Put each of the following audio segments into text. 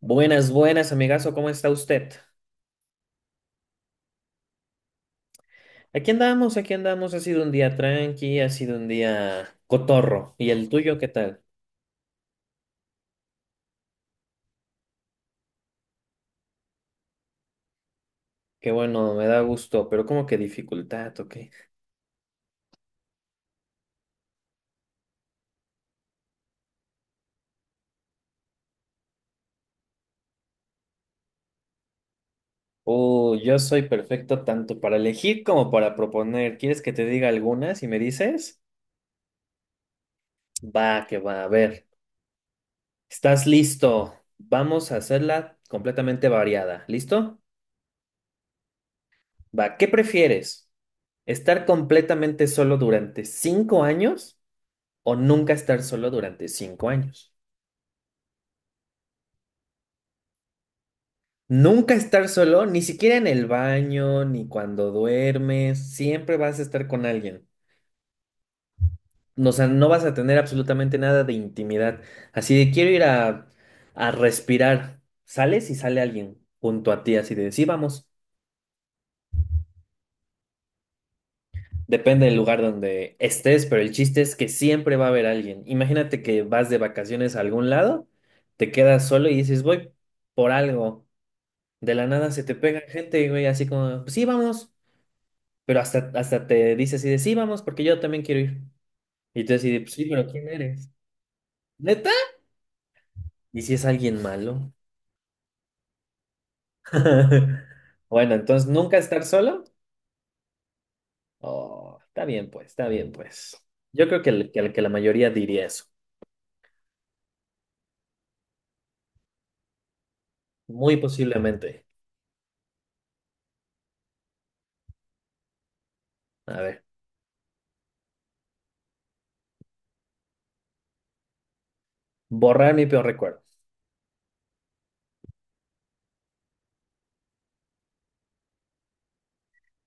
Buenas, buenas, amigazo, ¿cómo está usted? Aquí andamos, ha sido un día tranqui, ha sido un día cotorro. ¿Y el tuyo qué tal? Qué bueno, me da gusto, pero como que dificultad, ¿ok? Oh, yo soy perfecto tanto para elegir como para proponer. ¿Quieres que te diga algunas y me dices? Va, que va, a ver. ¿Estás listo? Vamos a hacerla completamente variada. ¿Listo? Va, ¿qué prefieres? ¿Estar completamente solo durante cinco años? O nunca estar solo durante cinco años. Nunca estar solo, ni siquiera en el baño, ni cuando duermes, siempre vas a estar con alguien. O sea, no vas a tener absolutamente nada de intimidad. Así de quiero ir a respirar. Sales y sale alguien junto a ti, así de sí, vamos. Depende del lugar donde estés, pero el chiste es que siempre va a haber alguien. Imagínate que vas de vacaciones a algún lado, te quedas solo y dices, voy por algo. De la nada se te pega gente, güey, así como, pues sí, vamos. Pero hasta te dice así de, sí, vamos, porque yo también quiero ir. Y tú así de, pues sí, pero ¿quién eres? ¿Neta? ¿Y si es alguien malo? Bueno, entonces, ¿nunca estar solo? Oh, está bien, pues, está bien, pues. Yo creo que la mayoría diría eso. Muy posiblemente. A ver, borrar mi peor recuerdo.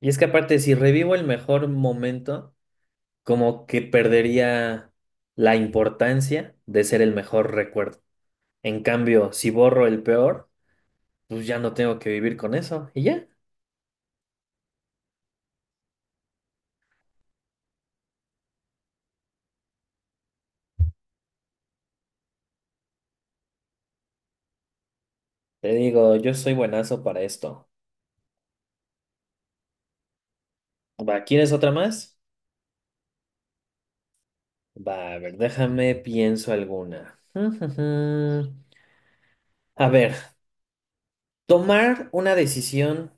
Y es que aparte, si revivo el mejor momento, como que perdería la importancia de ser el mejor recuerdo. En cambio, si borro el peor, pues ya no tengo que vivir con eso. Y ya, te digo, yo soy buenazo para esto. Va, ¿quieres otra más? Va, a ver, déjame, pienso alguna. A ver, tomar una decisión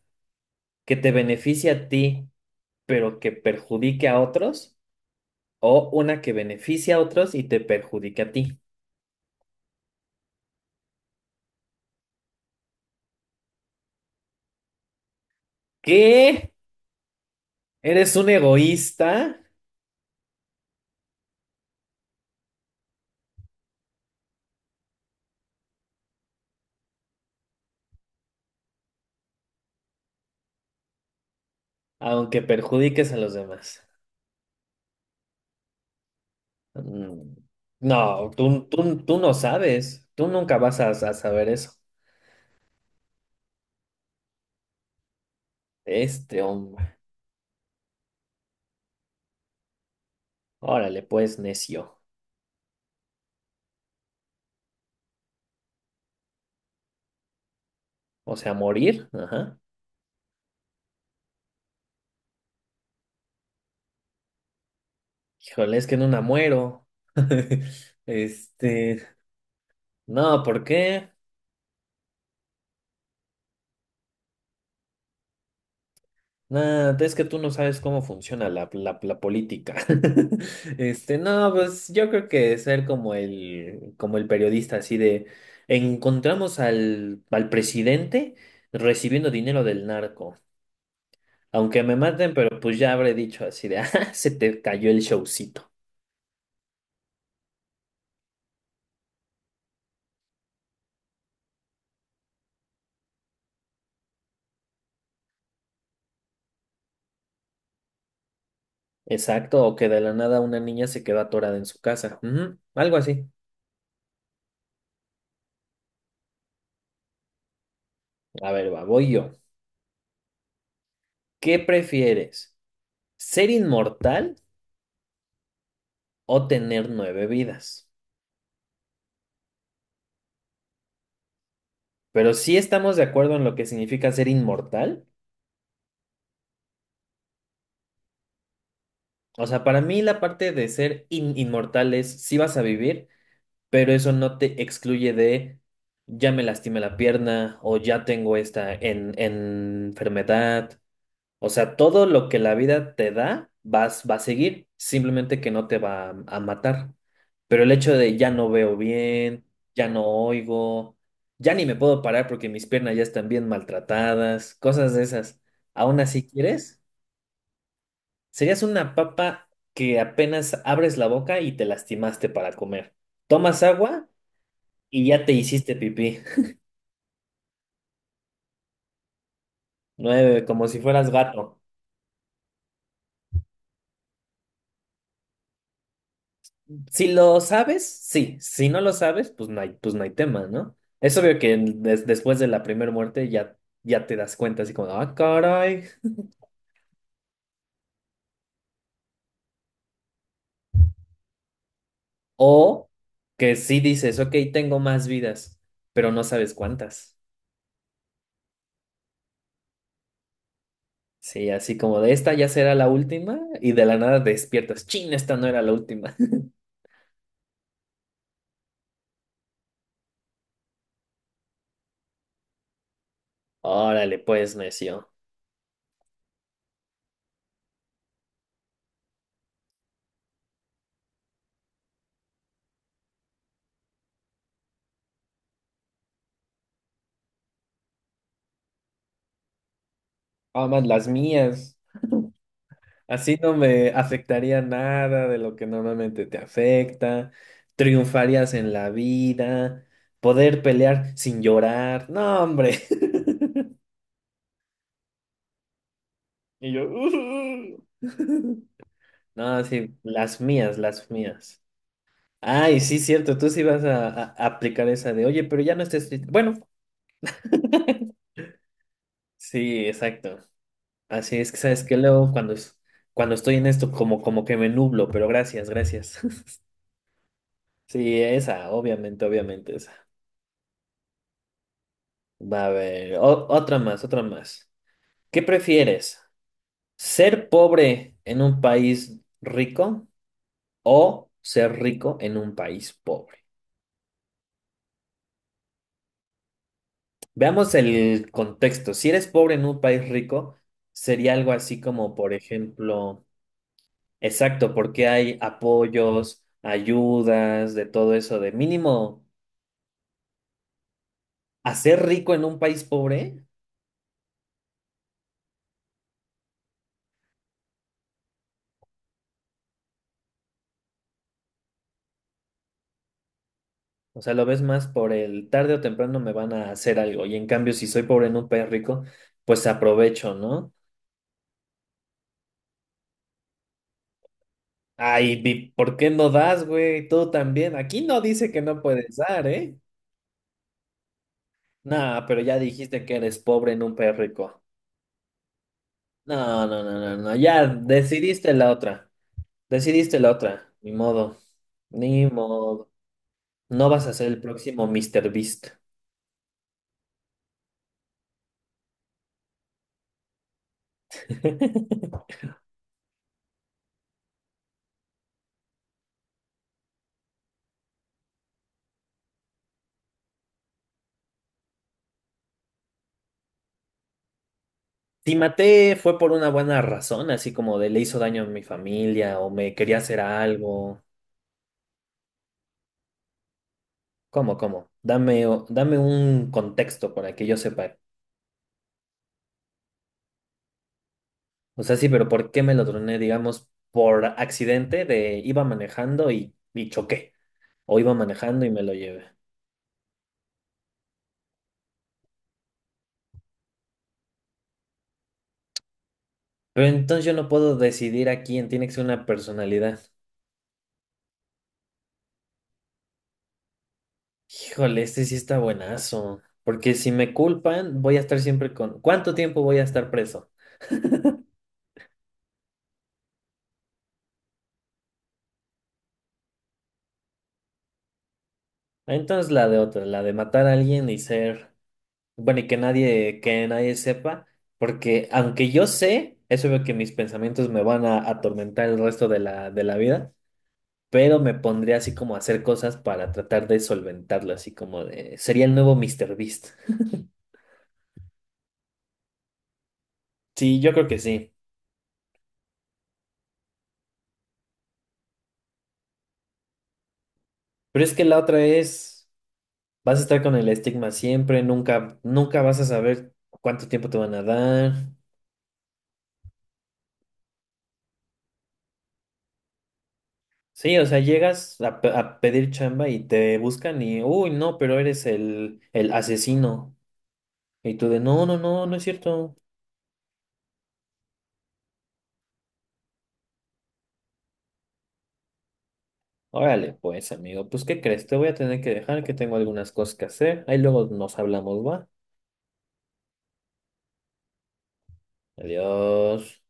que te beneficie a ti, pero que perjudique a otros, o una que beneficie a otros y te perjudique a ti. ¿Qué? ¿Eres un egoísta, aunque perjudiques a los demás? Mm. No, tú no sabes. Tú nunca vas a saber eso. Este hombre. Órale, pues, necio. O sea, morir. Ajá. Híjole, es que no una muero. Este. No, ¿por qué? Nada, es que tú no sabes cómo funciona la política. Este, no, pues yo creo que ser como el periodista así de encontramos al presidente recibiendo dinero del narco. Aunque me maten, pero pues ya habré dicho así de, ah, se te cayó el showcito. Exacto, o que de la nada una niña se quedó atorada en su casa. Ujú, algo así. A ver, va, voy yo. ¿Qué prefieres? ¿Ser inmortal o tener nueve vidas? Pero sí estamos de acuerdo en lo que significa ser inmortal. O sea, para mí la parte de ser inmortal es sí vas a vivir, pero eso no te excluye de ya me lastimé la pierna o ya tengo esta enfermedad. O sea, todo lo que la vida te da va a seguir, simplemente que no te va a matar. Pero el hecho de ya no veo bien, ya no oigo, ya ni me puedo parar porque mis piernas ya están bien maltratadas, cosas de esas. Aún así, ¿quieres? Serías una papa que apenas abres la boca y te lastimaste para comer. Tomas agua y ya te hiciste pipí. Nueve, como si fueras gato. Si lo sabes, sí. Si no lo sabes, pues no hay tema, ¿no? Es obvio que después de la primera muerte ya, ya te das cuenta así como, ah, caray. O que sí dices, ok, tengo más vidas, pero no sabes cuántas. Sí, así como de esta ya será la última y de la nada despiertas. Chin, esta no era la última. Órale, pues, necio. Ah, más las mías. Así no me afectaría nada de lo que normalmente te afecta. Triunfarías en la vida. Poder pelear sin llorar. No, hombre. Y yo. No, sí, las mías, las mías. Ay, sí, cierto, tú sí vas a aplicar esa de, oye, pero ya no estés triste. Bueno, sí, exacto. Así es que, ¿sabes que luego, cuando, cuando estoy en esto, como que me nublo, pero gracias, gracias. Sí, esa, obviamente, obviamente, va a haber otra más, otra más. ¿Qué prefieres? ¿Ser pobre en un país rico o ser rico en un país pobre? Veamos el contexto. Si eres pobre en un país rico, sería algo así como, por ejemplo, exacto, porque hay apoyos, ayudas, de todo eso, de mínimo, hacer rico en un país pobre. O sea, lo ves más por el tarde o temprano me van a hacer algo. Y en cambio, si soy pobre en un país rico, pues aprovecho, ¿no? Ay, ¿por qué no das, güey? Tú también. Aquí no dice que no puedes dar, ¿eh? No, pero ya dijiste que eres pobre en un país rico. No, no, no, no, no. Ya decidiste la otra. Decidiste la otra. Ni modo. Ni modo. No vas a ser el próximo Mr. Beast. Si maté fue por una buena razón, así como de le hizo daño a mi familia o me quería hacer algo. ¿Cómo, cómo? Dame, dame un contexto para que yo sepa. O sea, sí, pero ¿por qué me lo troné, digamos, por accidente de iba manejando y choqué? O iba manejando y me lo llevé. Pero entonces yo no puedo decidir a quién tiene que ser una personalidad. Híjole, este sí está buenazo. Porque si me culpan, voy a estar siempre con... ¿Cuánto tiempo voy a estar preso? Entonces la de otra, la de matar a alguien y ser, bueno, y que nadie sepa, porque aunque yo sé, es obvio que mis pensamientos me van a atormentar el resto de la vida, pero me pondría así como a hacer cosas para tratar de solventarlo, así como de, sería el nuevo Mr. Beast. Sí, yo creo que sí, pero es que la otra es, vas a estar con el estigma siempre, nunca, nunca vas a saber cuánto tiempo te van a dar. Sí, o sea, llegas a pedir chamba y te buscan y, uy, no, pero eres el asesino. Y tú de, no, no, no, no es cierto. Órale, pues, amigo, pues, ¿qué crees? Te voy a tener que dejar, que tengo algunas cosas que hacer. Ahí luego nos hablamos, ¿va? Adiós.